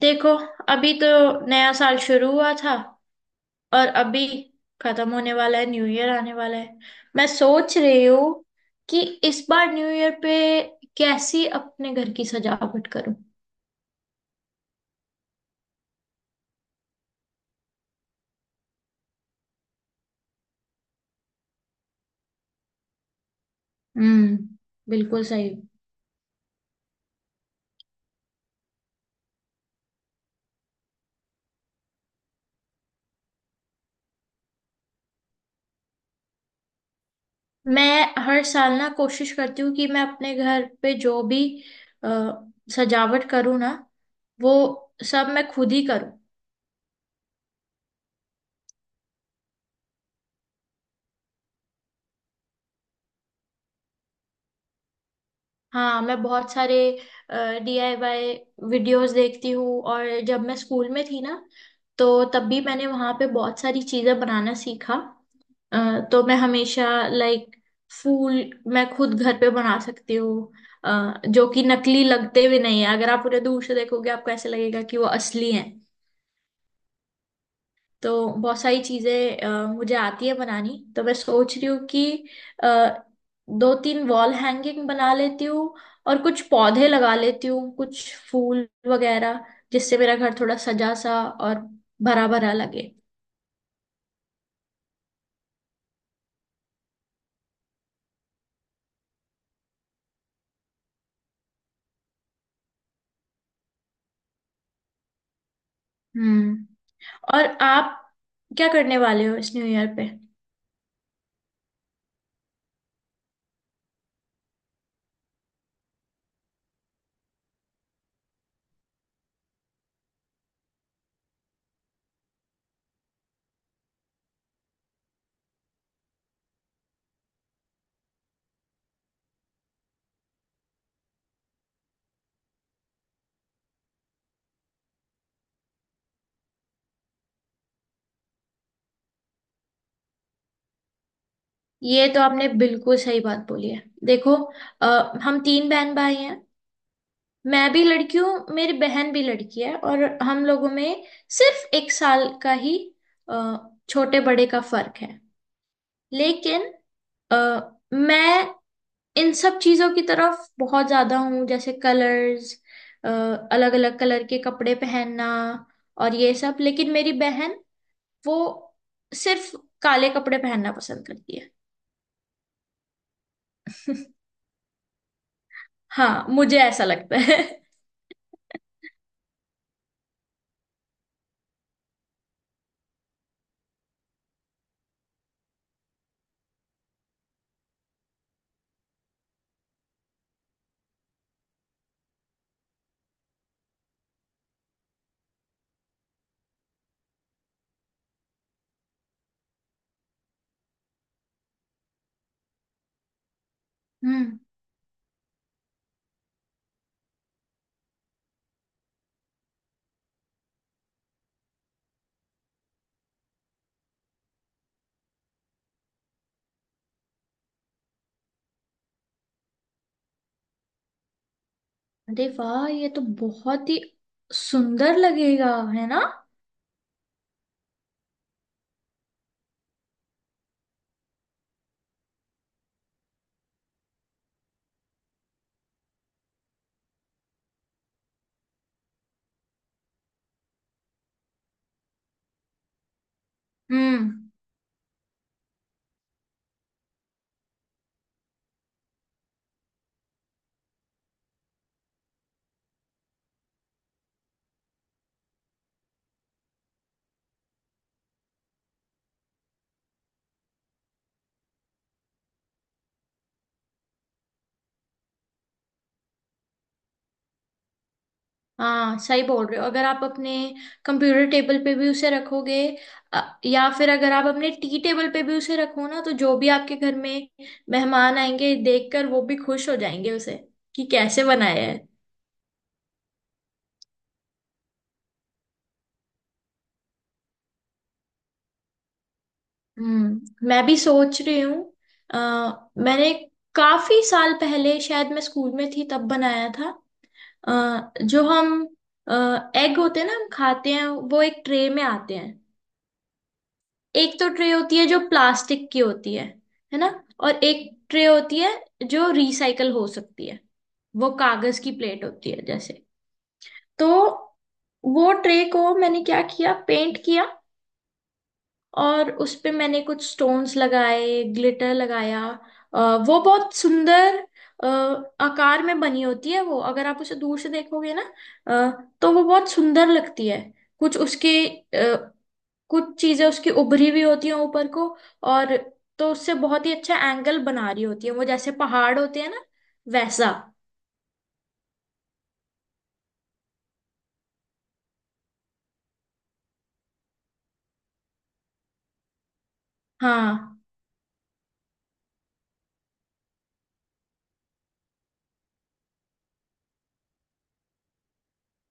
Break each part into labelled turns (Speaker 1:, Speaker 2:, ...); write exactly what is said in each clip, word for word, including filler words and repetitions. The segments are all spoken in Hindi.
Speaker 1: देखो, अभी तो नया साल शुरू हुआ था और अभी खत्म होने वाला है। न्यू ईयर आने वाला है। मैं सोच रही हूँ कि इस बार न्यू ईयर पे कैसी अपने घर की सजावट करूं। हम्म। बिल्कुल सही। मैं हर साल ना कोशिश करती हूँ कि मैं अपने घर पे जो भी अ, सजावट करूँ ना, वो सब मैं खुद ही करूँ। हाँ, मैं बहुत सारे डीआईवाई वीडियोस देखती हूँ। और जब मैं स्कूल में थी ना, तो तब भी मैंने वहाँ पे बहुत सारी चीज़ें बनाना सीखा। अ, तो मैं हमेशा लाइक फूल मैं खुद घर पे बना सकती हूँ। अ, जो कि नकली लगते भी नहीं है, अगर आप उन्हें दूर से देखोगे आपको ऐसे लगेगा कि वो असली है। तो बहुत सारी चीजें अ, मुझे आती है बनानी, तो मैं सोच रही हूँ कि अ, दो तीन वॉल हैंगिंग बना लेती हूँ। और कुछ पौधे लगा लेती हूँ, कुछ फूल वगैरह, जिससे मेरा घर थोड़ा सजा सा और भरा भरा लगे। हम्म। और आप क्या करने वाले हो इस न्यू ईयर पे? ये तो आपने बिल्कुल सही बात बोली है। देखो, अ, हम तीन बहन भाई हैं। मैं भी लड़की हूँ, मेरी बहन भी लड़की है, और हम लोगों में सिर्फ एक साल का ही अ, छोटे बड़े का फर्क है। लेकिन अ, मैं इन सब चीजों की तरफ बहुत ज्यादा हूँ, जैसे कलर्स, अलग अलग कलर के कपड़े पहनना और ये सब। लेकिन मेरी बहन, वो सिर्फ काले कपड़े पहनना पसंद करती है। हाँ, मुझे ऐसा लगता है। हम्म। अरे वाह, ये तो बहुत ही सुंदर लगेगा, है ना? हम्म। हाँ, सही बोल रहे हो। अगर आप अपने कंप्यूटर टेबल पे भी उसे रखोगे, अ, या फिर अगर आप अपने टी टेबल पे भी उसे रखो ना, तो जो भी आपके घर में मेहमान आएंगे, देखकर वो भी खुश हो जाएंगे उसे, कि कैसे बनाया है। हम्म। मैं भी सोच रही हूँ। अ, मैंने काफी साल पहले, शायद मैं स्कूल में थी तब बनाया था। अ, जो हम एग होते हैं ना हम खाते हैं, वो एक ट्रे में आते हैं। एक तो ट्रे होती है जो प्लास्टिक की होती है है ना? और एक ट्रे होती है जो रिसाइकल हो सकती है, वो कागज की प्लेट होती है जैसे। तो वो ट्रे को मैंने क्या किया, पेंट किया। और उस पे मैंने कुछ स्टोन्स लगाए, ग्लिटर लगाया। अ, वो बहुत सुंदर अ, आकार में बनी होती है। वो अगर आप उसे दूर से देखोगे ना, अ, तो वो बहुत सुंदर लगती है। कुछ उसके अ, कुछ चीजें उसकी उभरी हुई होती हैं ऊपर को। और तो उससे बहुत ही अच्छा एंगल बना रही होती है वो, जैसे पहाड़ होते हैं ना, वैसा। हाँ,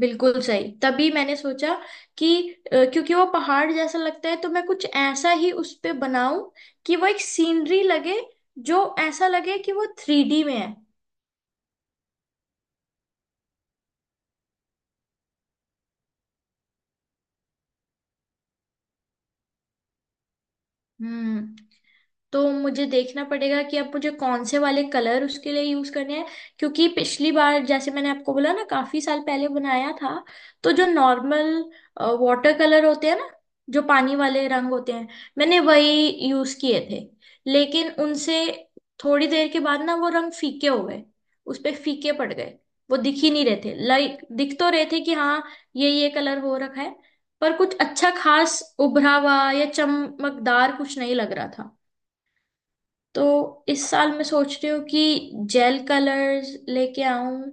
Speaker 1: बिल्कुल सही। तभी मैंने सोचा कि अ, क्योंकि वो पहाड़ जैसा लगता है, तो मैं कुछ ऐसा ही उस पे बनाऊं, कि वो एक सीनरी लगे, जो ऐसा लगे कि वो थ्री डी में है। हम्म। तो मुझे देखना पड़ेगा कि अब मुझे कौन से वाले कलर उसके लिए यूज करने हैं। क्योंकि पिछली बार, जैसे मैंने आपको बोला ना, काफी साल पहले बनाया था। तो जो नॉर्मल वाटर कलर होते हैं ना, जो पानी वाले रंग होते हैं, मैंने वही यूज किए थे। लेकिन उनसे थोड़ी देर के बाद ना, वो रंग फीके हो गए, उस पे फीके पड़ गए। वो दिख ही नहीं रहे थे। लाइक दिख तो रहे थे कि हाँ, ये ये कलर हो रखा है, पर कुछ अच्छा खास उभरा हुआ या चमकदार कुछ नहीं लग रहा था। तो इस साल मैं सोच रही हूँ कि जेल कलर्स लेके आऊं,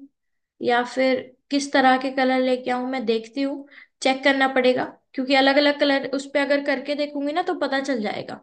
Speaker 1: या फिर किस तरह के कलर लेके आऊं, मैं देखती हूँ। चेक करना पड़ेगा, क्योंकि अलग अलग कलर उस पे अगर करके देखूंगी ना, तो पता चल जाएगा।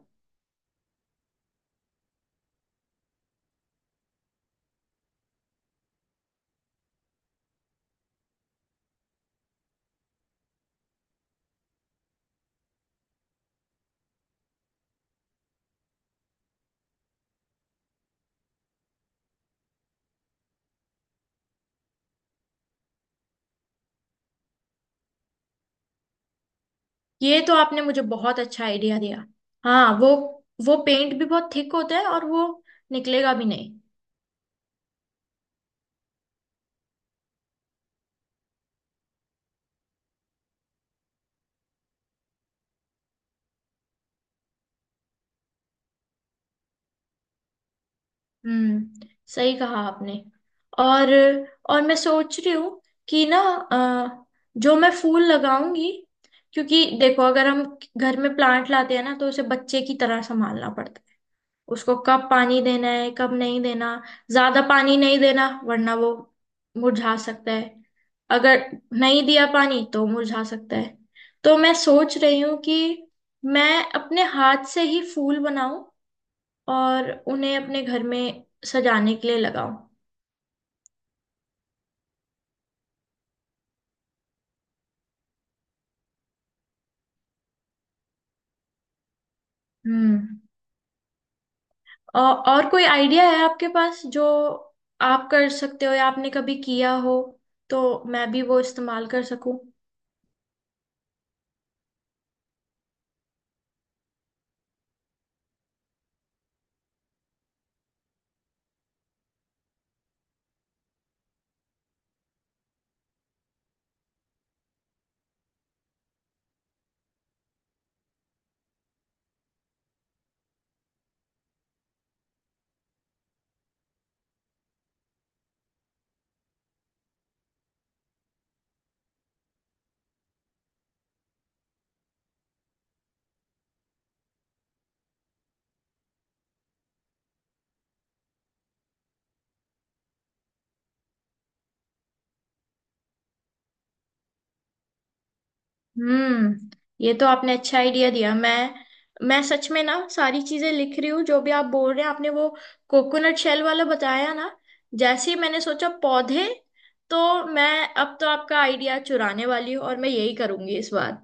Speaker 1: ये तो आपने मुझे बहुत अच्छा आइडिया दिया। हाँ, वो वो पेंट भी बहुत थिक होता है और वो निकलेगा भी नहीं। हम्म। सही कहा आपने। और और मैं सोच रही हूँ कि ना, अ, जो मैं फूल लगाऊंगी, क्योंकि देखो, अगर हम घर में प्लांट लाते हैं ना, तो उसे बच्चे की तरह संभालना पड़ता है। उसको कब पानी देना है, कब नहीं देना, ज्यादा पानी नहीं देना वरना वो मुरझा सकता है। अगर नहीं दिया पानी तो मुरझा सकता है। तो मैं सोच रही हूँ कि मैं अपने हाथ से ही फूल बनाऊं, और उन्हें अपने घर में सजाने के लिए लगाओ। हम्म। और, और कोई आइडिया है आपके पास, जो आप कर सकते हो या आपने कभी किया हो, तो मैं भी वो इस्तेमाल कर सकूं। हम्म। ये तो आपने अच्छा आइडिया दिया। मैं मैं सच में ना सारी चीजें लिख रही हूँ, जो भी आप बोल रहे हैं। आपने वो कोकोनट शेल वाला बताया ना, जैसे ही मैंने सोचा पौधे, तो मैं अब तो आपका आइडिया चुराने वाली हूँ, और मैं यही करूंगी इस बार।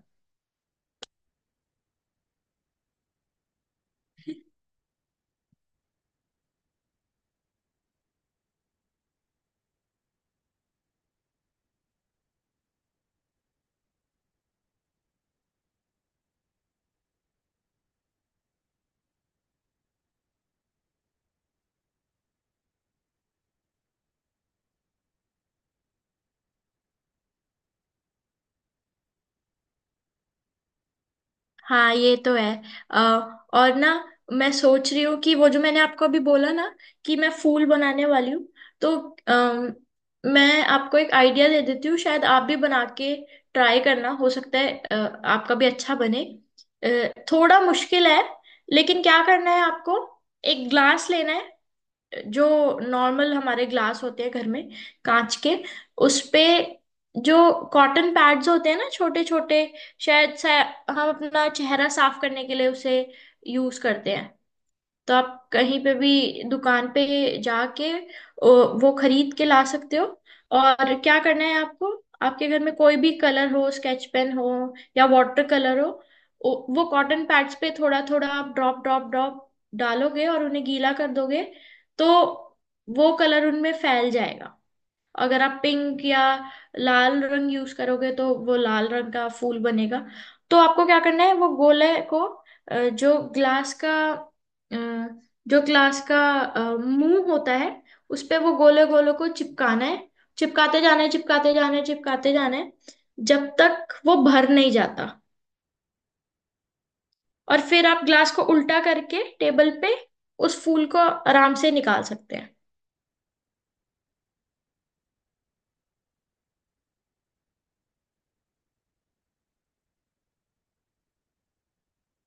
Speaker 1: हाँ, ये तो है। अ, और ना, मैं सोच रही हूँ कि वो जो मैंने आपको अभी बोला ना, कि मैं फूल बनाने वाली हूँ, तो अम, मैं आपको एक आइडिया दे देती हूँ, शायद आप भी बना के ट्राई करना, हो सकता है अ, आपका भी अच्छा बने। अ, थोड़ा मुश्किल है, लेकिन क्या करना है आपको, एक ग्लास लेना है, जो नॉर्मल हमारे ग्लास होते हैं घर में, कांच के। उस पे जो कॉटन पैड्स होते हैं ना, छोटे छोटे, शायद से हम अपना चेहरा साफ करने के लिए उसे यूज करते हैं। तो आप कहीं पे भी दुकान पे जाके ओ, वो खरीद के ला सकते हो। और क्या करना है आपको, आपके घर में कोई भी कलर हो, स्केच पेन हो या वाटर कलर हो, ओ- वो कॉटन पैड्स पे थोड़ा थोड़ा आप ड्रॉप ड्रॉप ड्रॉप डालोगे और उन्हें गीला कर दोगे, तो वो कलर उनमें फैल जाएगा। अगर आप पिंक या लाल रंग यूज करोगे तो वो लाल रंग का फूल बनेगा। तो आपको क्या करना है, वो गोले को, अ, जो ग्लास का अ, जो ग्लास का अ, मुंह होता है, उस पे वो गोले गोले को चिपकाना है, चिपकाते जाना है, चिपकाते जाना है, चिपकाते जाना है, जब तक वो भर नहीं जाता। और फिर आप ग्लास को उल्टा करके टेबल पे उस फूल को आराम से निकाल सकते हैं।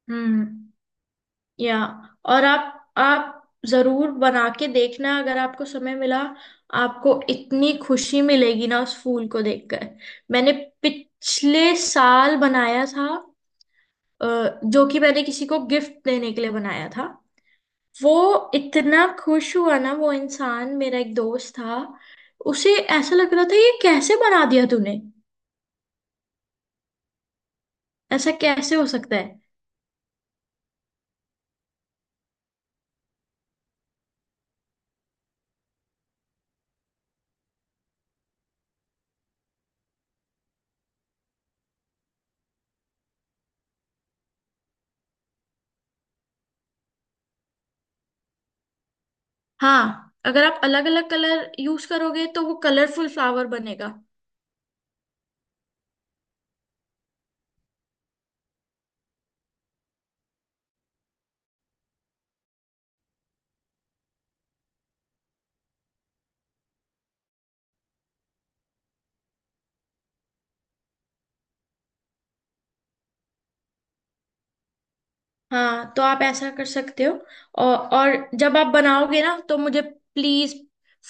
Speaker 1: हम्म। या, और आप आप जरूर बना के देखना अगर आपको समय मिला। आपको इतनी खुशी मिलेगी ना उस फूल को देखकर। मैंने पिछले साल बनाया था, अ, जो कि मैंने किसी को गिफ्ट देने के लिए बनाया था। वो इतना खुश हुआ ना, वो इंसान, मेरा एक दोस्त था। उसे ऐसा लग रहा था, ये कैसे बना दिया तूने, ऐसा कैसे हो सकता है। हाँ, अगर आप अलग अलग कलर यूज करोगे तो वो कलरफुल फ्लावर बनेगा। हाँ, तो आप ऐसा कर सकते हो। और और जब आप बनाओगे ना, तो मुझे प्लीज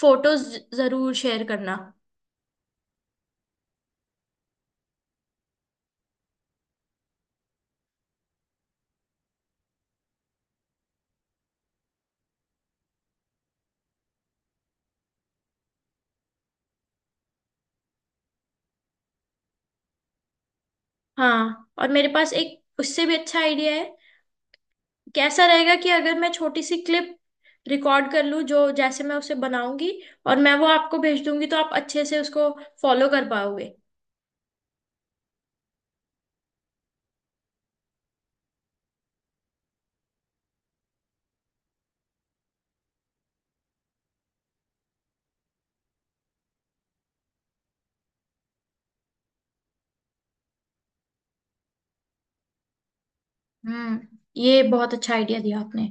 Speaker 1: फोटोज जरूर शेयर करना। हाँ, और मेरे पास एक उससे भी अच्छा आइडिया है। कैसा रहेगा कि अगर मैं छोटी सी क्लिप रिकॉर्ड कर लूँ, जो जैसे मैं उसे बनाऊंगी, और मैं वो आपको भेज दूंगी, तो आप अच्छे से उसको फॉलो कर पाओगे। हम्म। ये बहुत अच्छा आइडिया दिया आपने।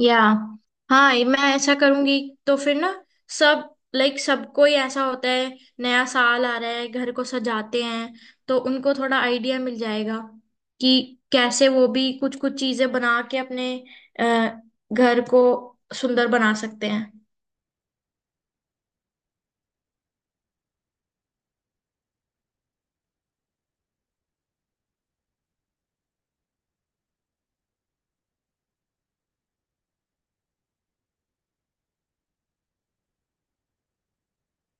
Speaker 1: या हाँ, ये मैं ऐसा करूंगी। तो फिर ना सब, लाइक सबको ही ऐसा होता है, नया साल आ रहा है, घर को सजाते हैं, तो उनको थोड़ा आइडिया मिल जाएगा कि कैसे वो भी कुछ कुछ चीजें बना के अपने अ, घर को सुंदर बना सकते हैं।